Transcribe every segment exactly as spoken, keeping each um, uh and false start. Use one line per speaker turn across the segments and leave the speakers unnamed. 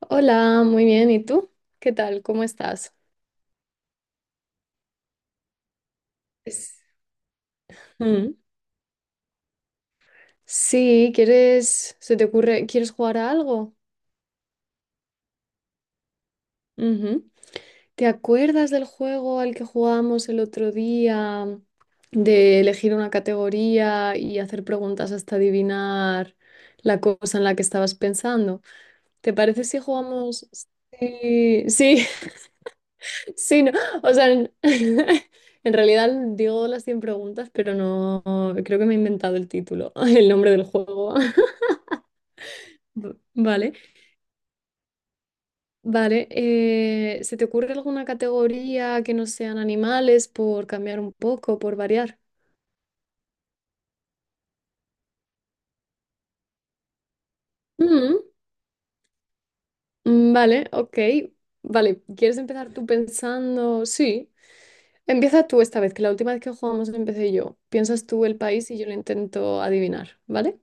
Hola, muy bien. ¿Y tú? ¿Qué tal? ¿Cómo estás? Pues, Mm. Sí, ¿quieres, se te ocurre, ¿quieres jugar a algo? Ujú. ¿Te acuerdas del juego al que jugamos el otro día de elegir una categoría y hacer preguntas hasta adivinar la cosa en la que estabas pensando? ¿Te parece si jugamos? Sí, sí. Sí, no, o sea, en, en realidad digo las cien preguntas, pero no, creo que me he inventado el título, el nombre del juego. V- Vale, vale. Eh, ¿se te ocurre alguna categoría que no sean animales por cambiar un poco, por variar? Mm, mm, vale, ok. Vale, ¿quieres empezar tú pensando? Sí. Empieza tú esta vez, que la última vez que jugamos empecé yo. Piensas tú el país y yo lo intento adivinar, ¿vale?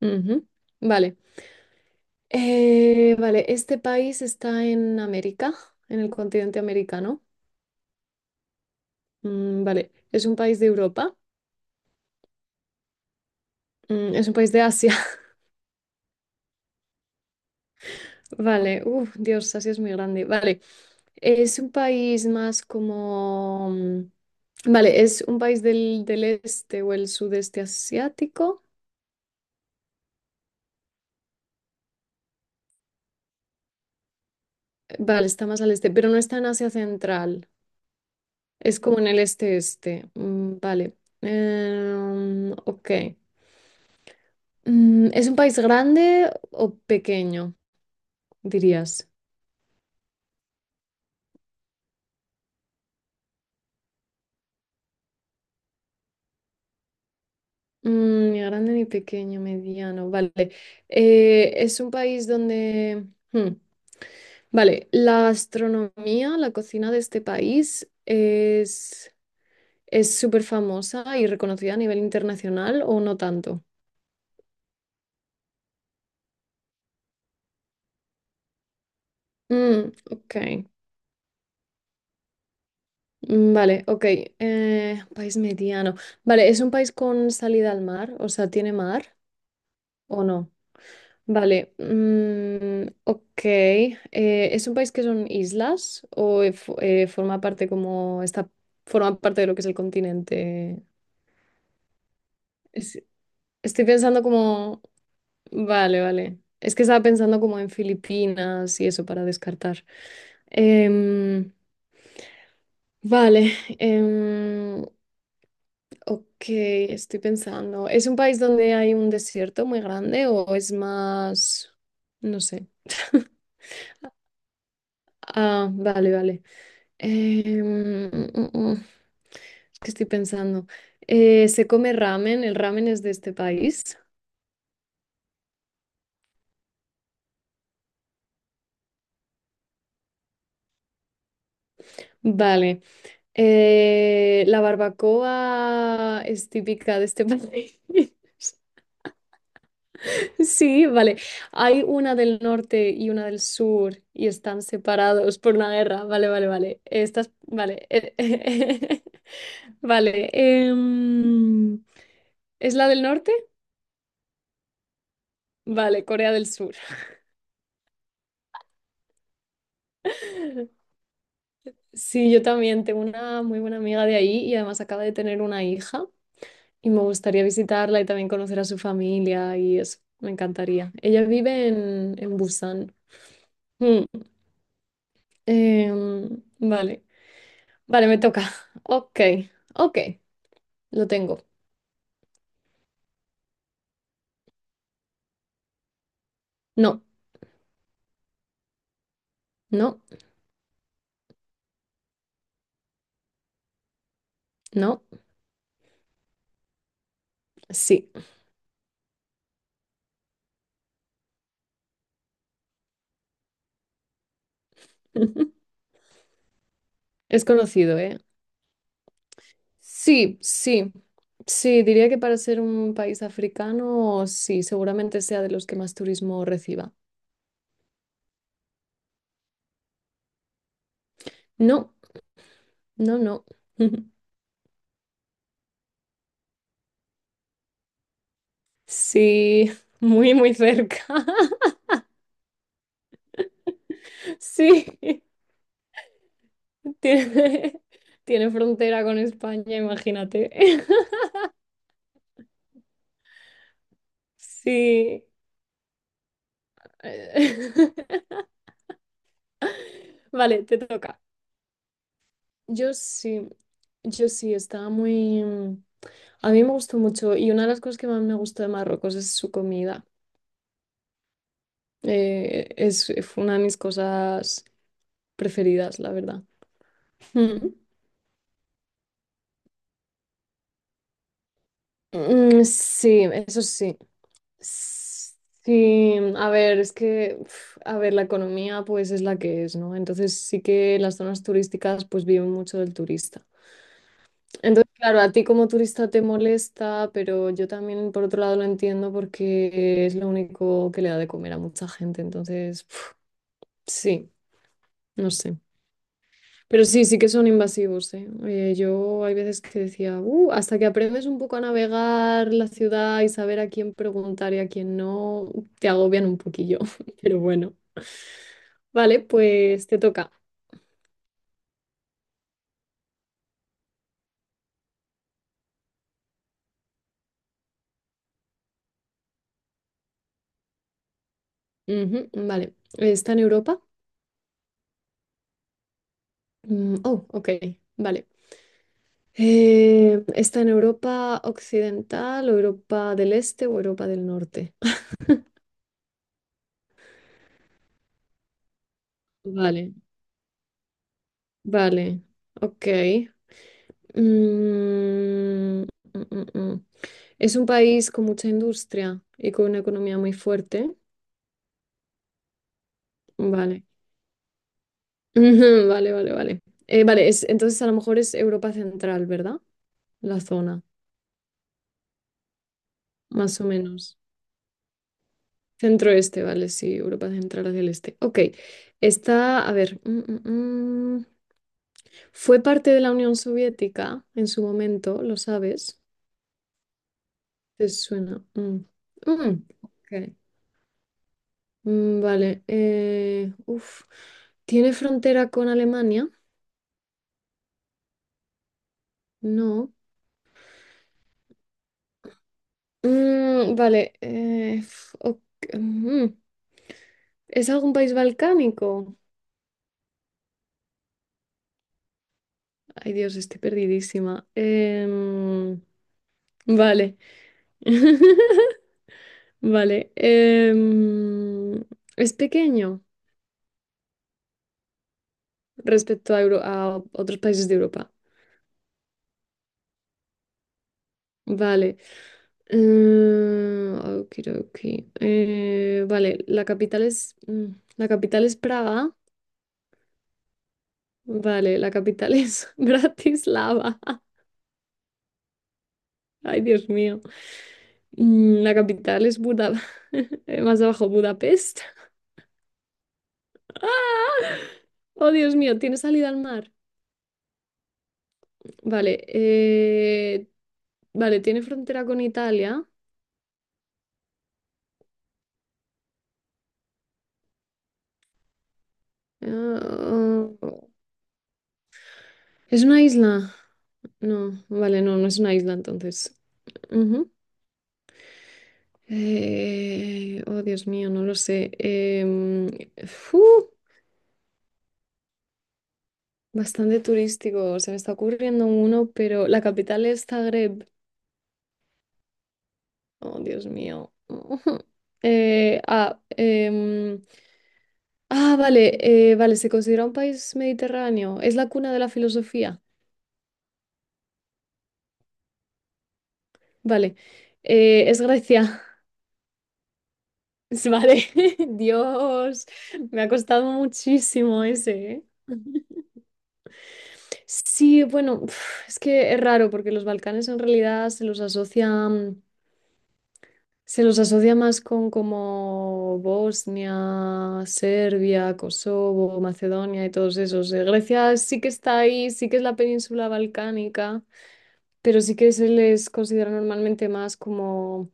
Ujú. Vale. Eh, vale, este país está en América, en el continente americano. Mm, vale, es un país de Europa. Mm, es un país de Asia. Vale, uff, Dios, Asia es muy grande. Vale, es un país más como... mm, vale, es un país del, del este o el sudeste asiático. Vale, está más al este, pero no está en Asia Central. Es como en el este-este. Mm, vale. Em, ok. Mm, ¿es un país grande o pequeño? Dirías. Mm, ni grande ni pequeño, mediano. Vale. Eh, es un país donde... hmm, vale, la gastronomía, la cocina de este país es es súper famosa y reconocida a nivel internacional o no tanto. Mm, ok, Mm, vale, ok. Eh, país mediano. Vale, ¿es un país con salida al mar? O sea, ¿tiene mar o no? Vale, mm, ok. Eh, ¿es un país que son islas o eh, fo- eh, forma parte como está, forma parte de lo que es el continente? Es- Estoy pensando como, vale, vale. Es que estaba pensando como en Filipinas y eso para descartar. Em, vale, em, ok, estoy pensando. ¿Es un país donde hay un desierto muy grande o es más, no sé? Ah, vale, vale. Em, mm, mm, mm. Es que estoy pensando. Eh, ¿se come ramen? El ramen es de este país. Vale. Eh, ¿la barbacoa es típica de este país? Sí, vale. Hay una del norte y una del sur y están separados por una guerra. Vale, vale, vale. Estás, vale. eh, Vale. Em, ¿es la del norte? Vale, Corea del Sur. Sí, yo también tengo una muy buena amiga de ahí y además acaba de tener una hija y me gustaría visitarla y también conocer a su familia y eso, me encantaría. Ella vive en, en Busan. Mm, em, vale, vale, me toca. Ok, ok, lo tengo. No, no, no, sí. Es conocido, ¿eh? Sí, sí, sí, diría que para ser un país africano, sí, seguramente sea de los que más turismo reciba. No, no, no. Sí, muy, muy cerca. Sí, tiene, tiene frontera con España, imagínate. Sí. Vale, te toca. Yo sí, yo sí, estaba muy... mm, a mí me gustó mucho y una de las cosas que más me gustó de Marruecos es su comida. Eh, es, fue una de mis cosas preferidas, la verdad. Mm. Mm, sí, eso sí. Sí, a ver, es que, uf, a ver, la economía pues es la que es, ¿no? Entonces sí que las zonas turísticas pues viven mucho del turista. Entonces, claro, a ti como turista te molesta, pero yo también por otro lado lo entiendo porque es lo único que le da de comer a mucha gente. Entonces, uf, sí, no sé. Pero sí, sí que son invasivos, ¿eh? Eh, yo hay veces que decía, "Uh, hasta que aprendes un poco a navegar la ciudad y saber a quién preguntar y a quién no, te agobian un poquillo. Pero bueno, vale, pues te toca. Ujú, vale, ¿está en Europa? Mm, oh, ok, vale. Eh, ¿está en Europa occidental, o Europa del Este o Europa del Norte? Vale, vale, ok. Mm, mm, mm, mm. Es un país con mucha industria y con una economía muy fuerte. Vale. Ujú, vale, vale, vale. Eh, vale, es, entonces a lo mejor es Europa Central, ¿verdad? La zona, más o menos. Centro-este, vale, sí, Europa Central hacia el este. Ok, está, a ver, mm, mm, mm. Fue parte de la Unión Soviética en su momento, ¿lo sabes? ¿Te suena? Mm. Mm, ok. Mm, Vale. eh, uf. ¿Tiene frontera con Alemania? No. Mm, vale. Eh, f- ok, mm, ¿es algún país balcánico? Ay, Dios, estoy perdidísima. Em, vale. Vale. em, ¿Es pequeño respecto a, Euro- a otros países de Europa? Vale. Eh, Okidoki. Eh, vale, la capital es. mm, La capital es Praga. Vale, la capital es Bratislava. Ay, Dios mío. Mm, La capital es Buda. eh, Más abajo, Budapest. ¡Ah! Oh, Dios mío, tiene salida al mar. Vale, eh, vale, tiene frontera con Italia. Ah, ¿Es una isla? No, vale, no, no es una isla entonces. Ujú. Eh, oh, Dios mío, no lo sé. Em, fu, Bastante turístico. Se me está ocurriendo uno, pero la capital es Zagreb. Oh, Dios mío. Eh, ah, em, ah, vale, eh, vale, se considera un país mediterráneo. Es la cuna de la filosofía. Vale, Eh, es Grecia. Vale, Dios, me ha costado muchísimo ese, ¿eh? Sí, bueno, uf, es que es raro porque los Balcanes en realidad se los asocian, se los asocia más con como Bosnia, Serbia, Kosovo, Macedonia y todos esos. Eh, Grecia sí que está ahí, sí que es la península balcánica, pero sí que se les considera normalmente más como,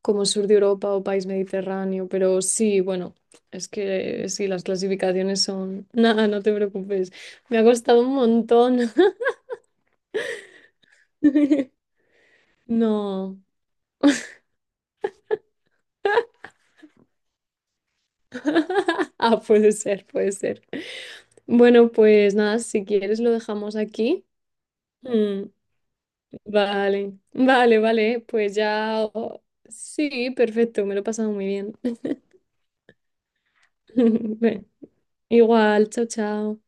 como sur de Europa o país mediterráneo. Pero sí, bueno, es que sí, las clasificaciones son... Nada, no te preocupes. Me ha costado un montón. No. Ah, puede ser, puede ser. Bueno, pues nada, si quieres lo dejamos aquí. Mm, vale, vale, vale, pues ya. oh, sí, perfecto, me lo he pasado muy bien. Ven, igual, chao, chao.